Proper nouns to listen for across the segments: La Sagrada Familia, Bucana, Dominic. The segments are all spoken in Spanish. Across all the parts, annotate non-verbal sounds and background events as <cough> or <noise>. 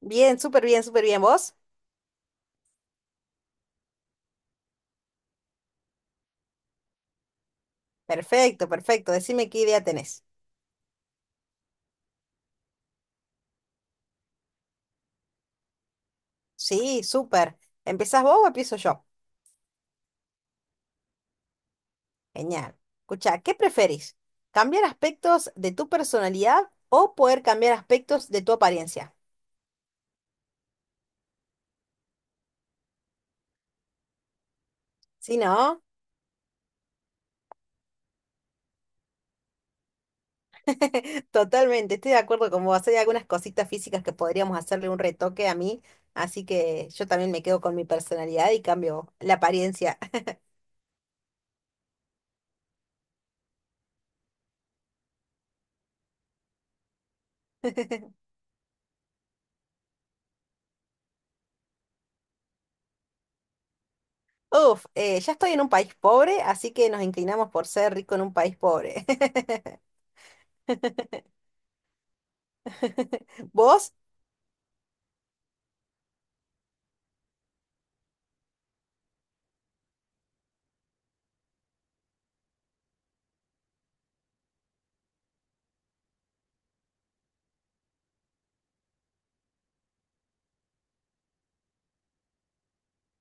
Bien, súper bien, súper bien. ¿Vos? Perfecto, perfecto. Decime qué idea tenés. Sí, súper. ¿Empezás vos o empiezo yo? Genial. Escucha, ¿qué preferís? ¿Cambiar aspectos de tu personalidad o poder cambiar aspectos de tu apariencia? Sí, ¿no? <laughs> Totalmente, estoy de acuerdo con vos. Hay algunas cositas físicas que podríamos hacerle un retoque a mí, así que yo también me quedo con mi personalidad y cambio la apariencia. <laughs> Uf, ya estoy en un país pobre, así que nos inclinamos por ser rico en un país pobre. <laughs> ¿Vos?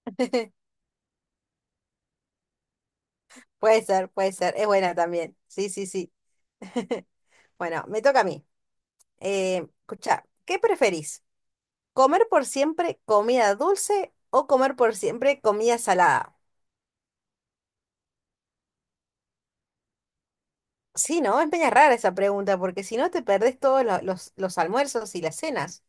<laughs> Puede ser, puede ser. Es buena también. Sí, sí, sí. <laughs> Bueno, me toca a mí. Escucha, ¿qué preferís? ¿Comer por siempre comida dulce o comer por siempre comida salada? Sí, ¿no? Es media rara esa pregunta, porque si no te perdés todos los almuerzos y las cenas.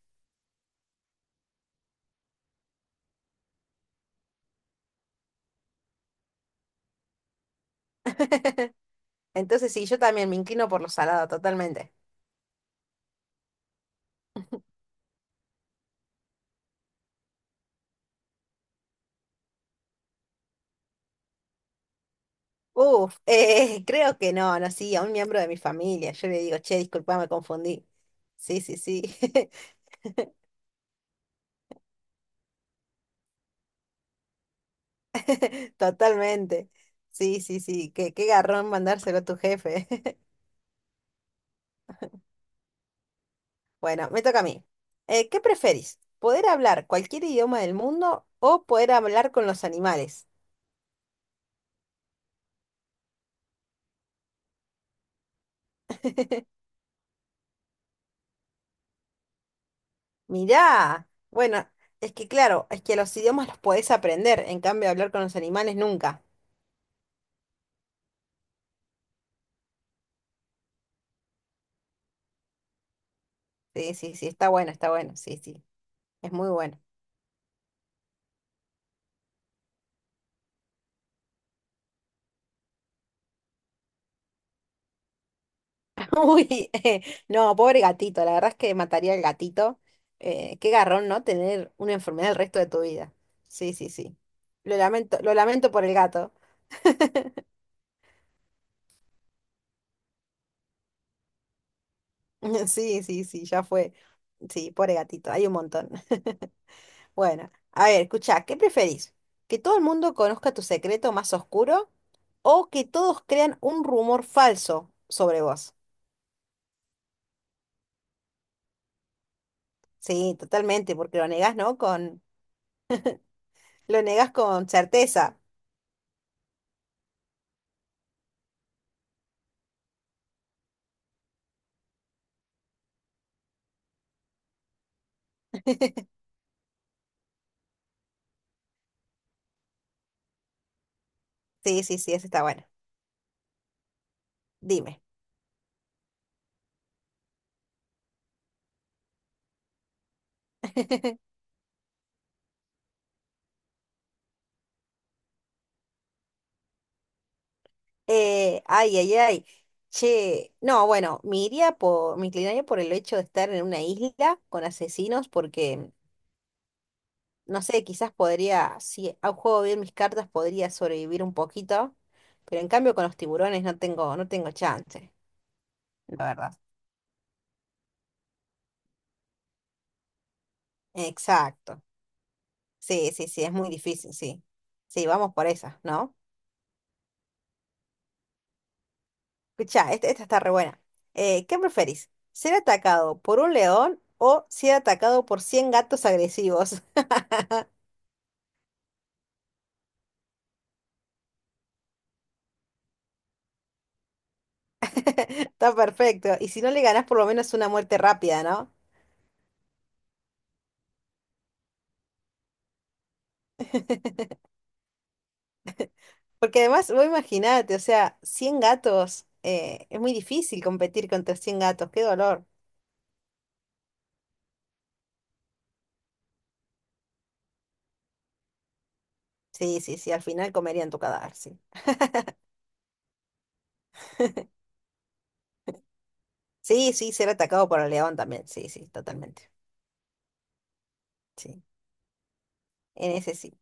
Entonces sí, yo también me inclino por lo salado, totalmente. Uf, <laughs> creo que no, no, sí, a un miembro de mi familia. Yo le digo, che, disculpa, me confundí. Sí, sí, sí, <laughs> totalmente. Sí, sí, sí, qué, qué garrón mandárselo a tu jefe. <laughs> Bueno, me toca a mí. ¿Qué preferís? ¿Poder hablar cualquier idioma del mundo o poder hablar con los animales? <laughs> Mirá, bueno, es que claro, es que los idiomas los podés aprender, en cambio hablar con los animales nunca. Sí, sí, sí, está bueno, sí, sí, es muy bueno. Uy, <laughs> no, pobre gatito, la verdad es que mataría al gatito. Qué garrón, ¿no? Tener una enfermedad el resto de tu vida. Sí, sí, sí. Lo lamento por el gato. <laughs> Sí, sí, sí, ya fue. Sí, pobre gatito, hay un montón. <laughs> Bueno, a ver, escuchá, ¿qué preferís? ¿Que todo el mundo conozca tu secreto más oscuro o que todos crean un rumor falso sobre vos? Sí, totalmente, porque lo negás, ¿no? Con, lo negás con certeza. <laughs> Sí, sí, sí, eso está bueno. Dime. <laughs> Ay, ay, ay. Che, no, bueno, me iría por, me inclinaría por el hecho de estar en una isla con asesinos porque, no sé, quizás podría, si a- juego bien mis cartas, podría sobrevivir un poquito, pero en cambio con los tiburones no tengo, no tengo chance, la verdad. Exacto. Sí, sí, sí, es muy difícil, sí. Sí, vamos por esa, ¿no? Escucha, esta está re buena. ¿Qué preferís? ¿Ser atacado por un león o ser atacado por 100 gatos agresivos? Está perfecto. Y si no le ganás, por lo menos una muerte rápida, ¿no? <laughs> Porque además, vos imaginate, o sea, 100 gatos, es muy difícil competir contra 100 gatos, qué dolor. Sí, sí, sí, al final comerían tu cadáver, sí. Sí, sí, ser atacado por el león también, sí, sí, totalmente. Sí, en ese sí.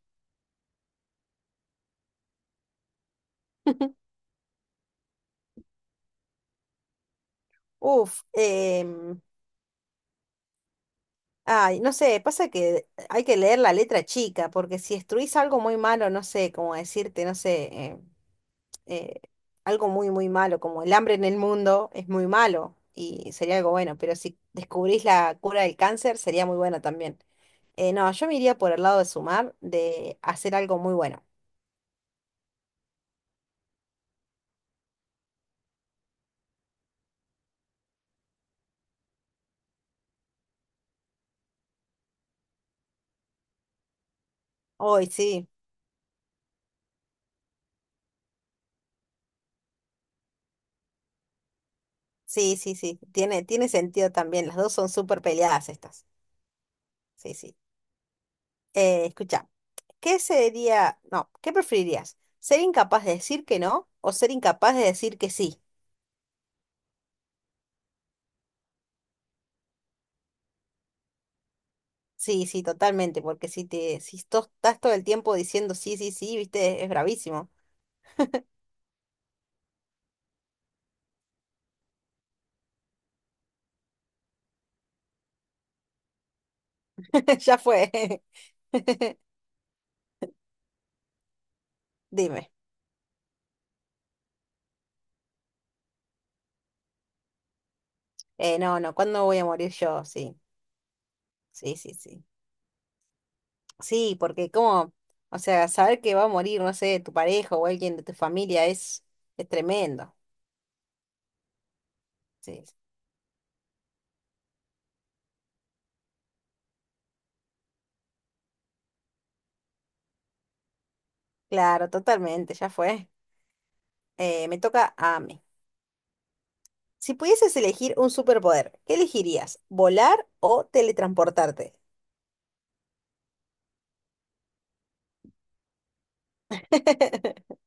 <laughs> Uf, ay, no sé, pasa que hay que leer la letra chica, porque si destruís algo muy malo, no sé, como decirte, no sé, eh, algo muy, muy malo, como el hambre en el mundo es muy malo y sería algo bueno, pero si descubrís la cura del cáncer sería muy bueno también. No, yo me iría por el lado de sumar, de hacer algo muy bueno. Hoy sí, sí, sí, sí, tiene, tiene sentido también, las dos son súper peleadas estas. Sí, sí. Escucha, ¿qué sería, no, qué preferirías? ¿Ser incapaz de decir que no o ser incapaz de decir que sí? Sí, sí, totalmente, porque si te, si to- estás todo el tiempo diciendo sí, sí, sí, viste, es bravísimo. <laughs> Ya fue. <laughs> Dime. No, no, ¿cuándo voy a morir yo? Sí, sí, sí, sí. Sí, porque como, o sea, saber que va a morir, no sé, tu pareja o alguien de tu familia es tremendo. Sí, sí. Claro, totalmente, ya fue. Me toca a mí. Si pudieses elegir un superpoder, ¿qué elegirías? ¿Volar o teletransportarte? <laughs>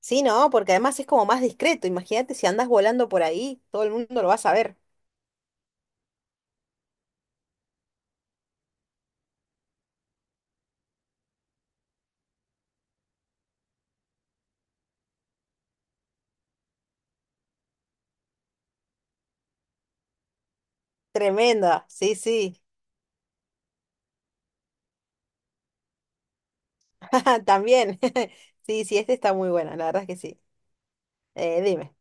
Sí, no, porque además es como más discreto. Imagínate si andas volando por ahí, todo el mundo lo va a saber. Tremenda, sí, sí. <laughs> También. <laughs> Sí, sí, este está muy bueno, la verdad es que sí. Dime.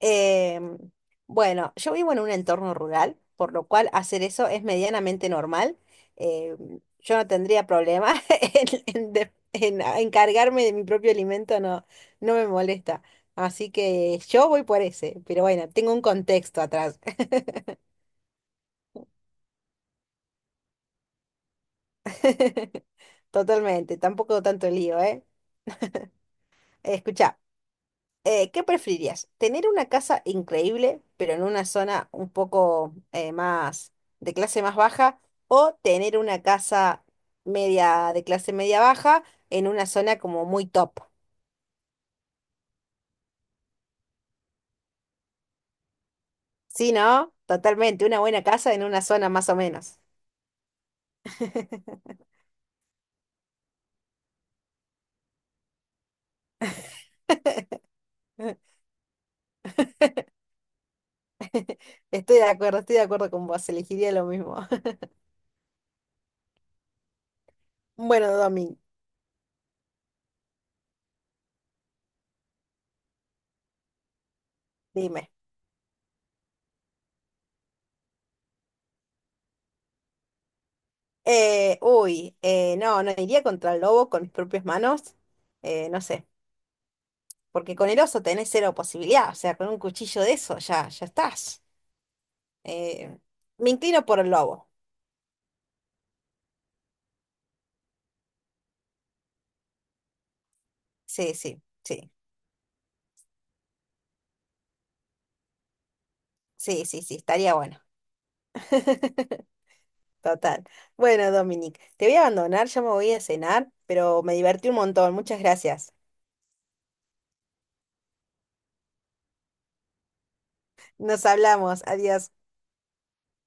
Em, bueno, yo vivo en un entorno rural, por lo cual hacer eso es medianamente normal. Yo no tendría problema <laughs> en, encargarme de mi propio alimento, no, no me molesta. Así que yo voy por ese, pero bueno, tengo un contexto atrás. <laughs> Totalmente, tampoco tanto lío, ¿eh? Escucha, ¿qué preferirías? ¿Tener una casa increíble, pero en una zona un poco más de clase más baja? ¿O tener una casa media de clase media baja en una zona como muy top? Sí, ¿no? Totalmente, una buena casa en una zona más o menos. <laughs> Estoy de acuerdo con vos, elegiría lo mismo. <laughs> Bueno, Domin, dime. Uy, no, no iría contra el lobo con mis propias manos, no sé, porque con el oso tenés cero posibilidad, o sea, con un cuchillo de eso ya, ya estás. Eh, Me inclino por el lobo. Sí, sí, sí, sí, sí, sí, estaría bueno. <laughs> Total. Bueno, Dominic, te voy a abandonar, ya me voy a cenar, pero me divertí un montón, muchas gracias. <laughs> Nos hablamos, adiós.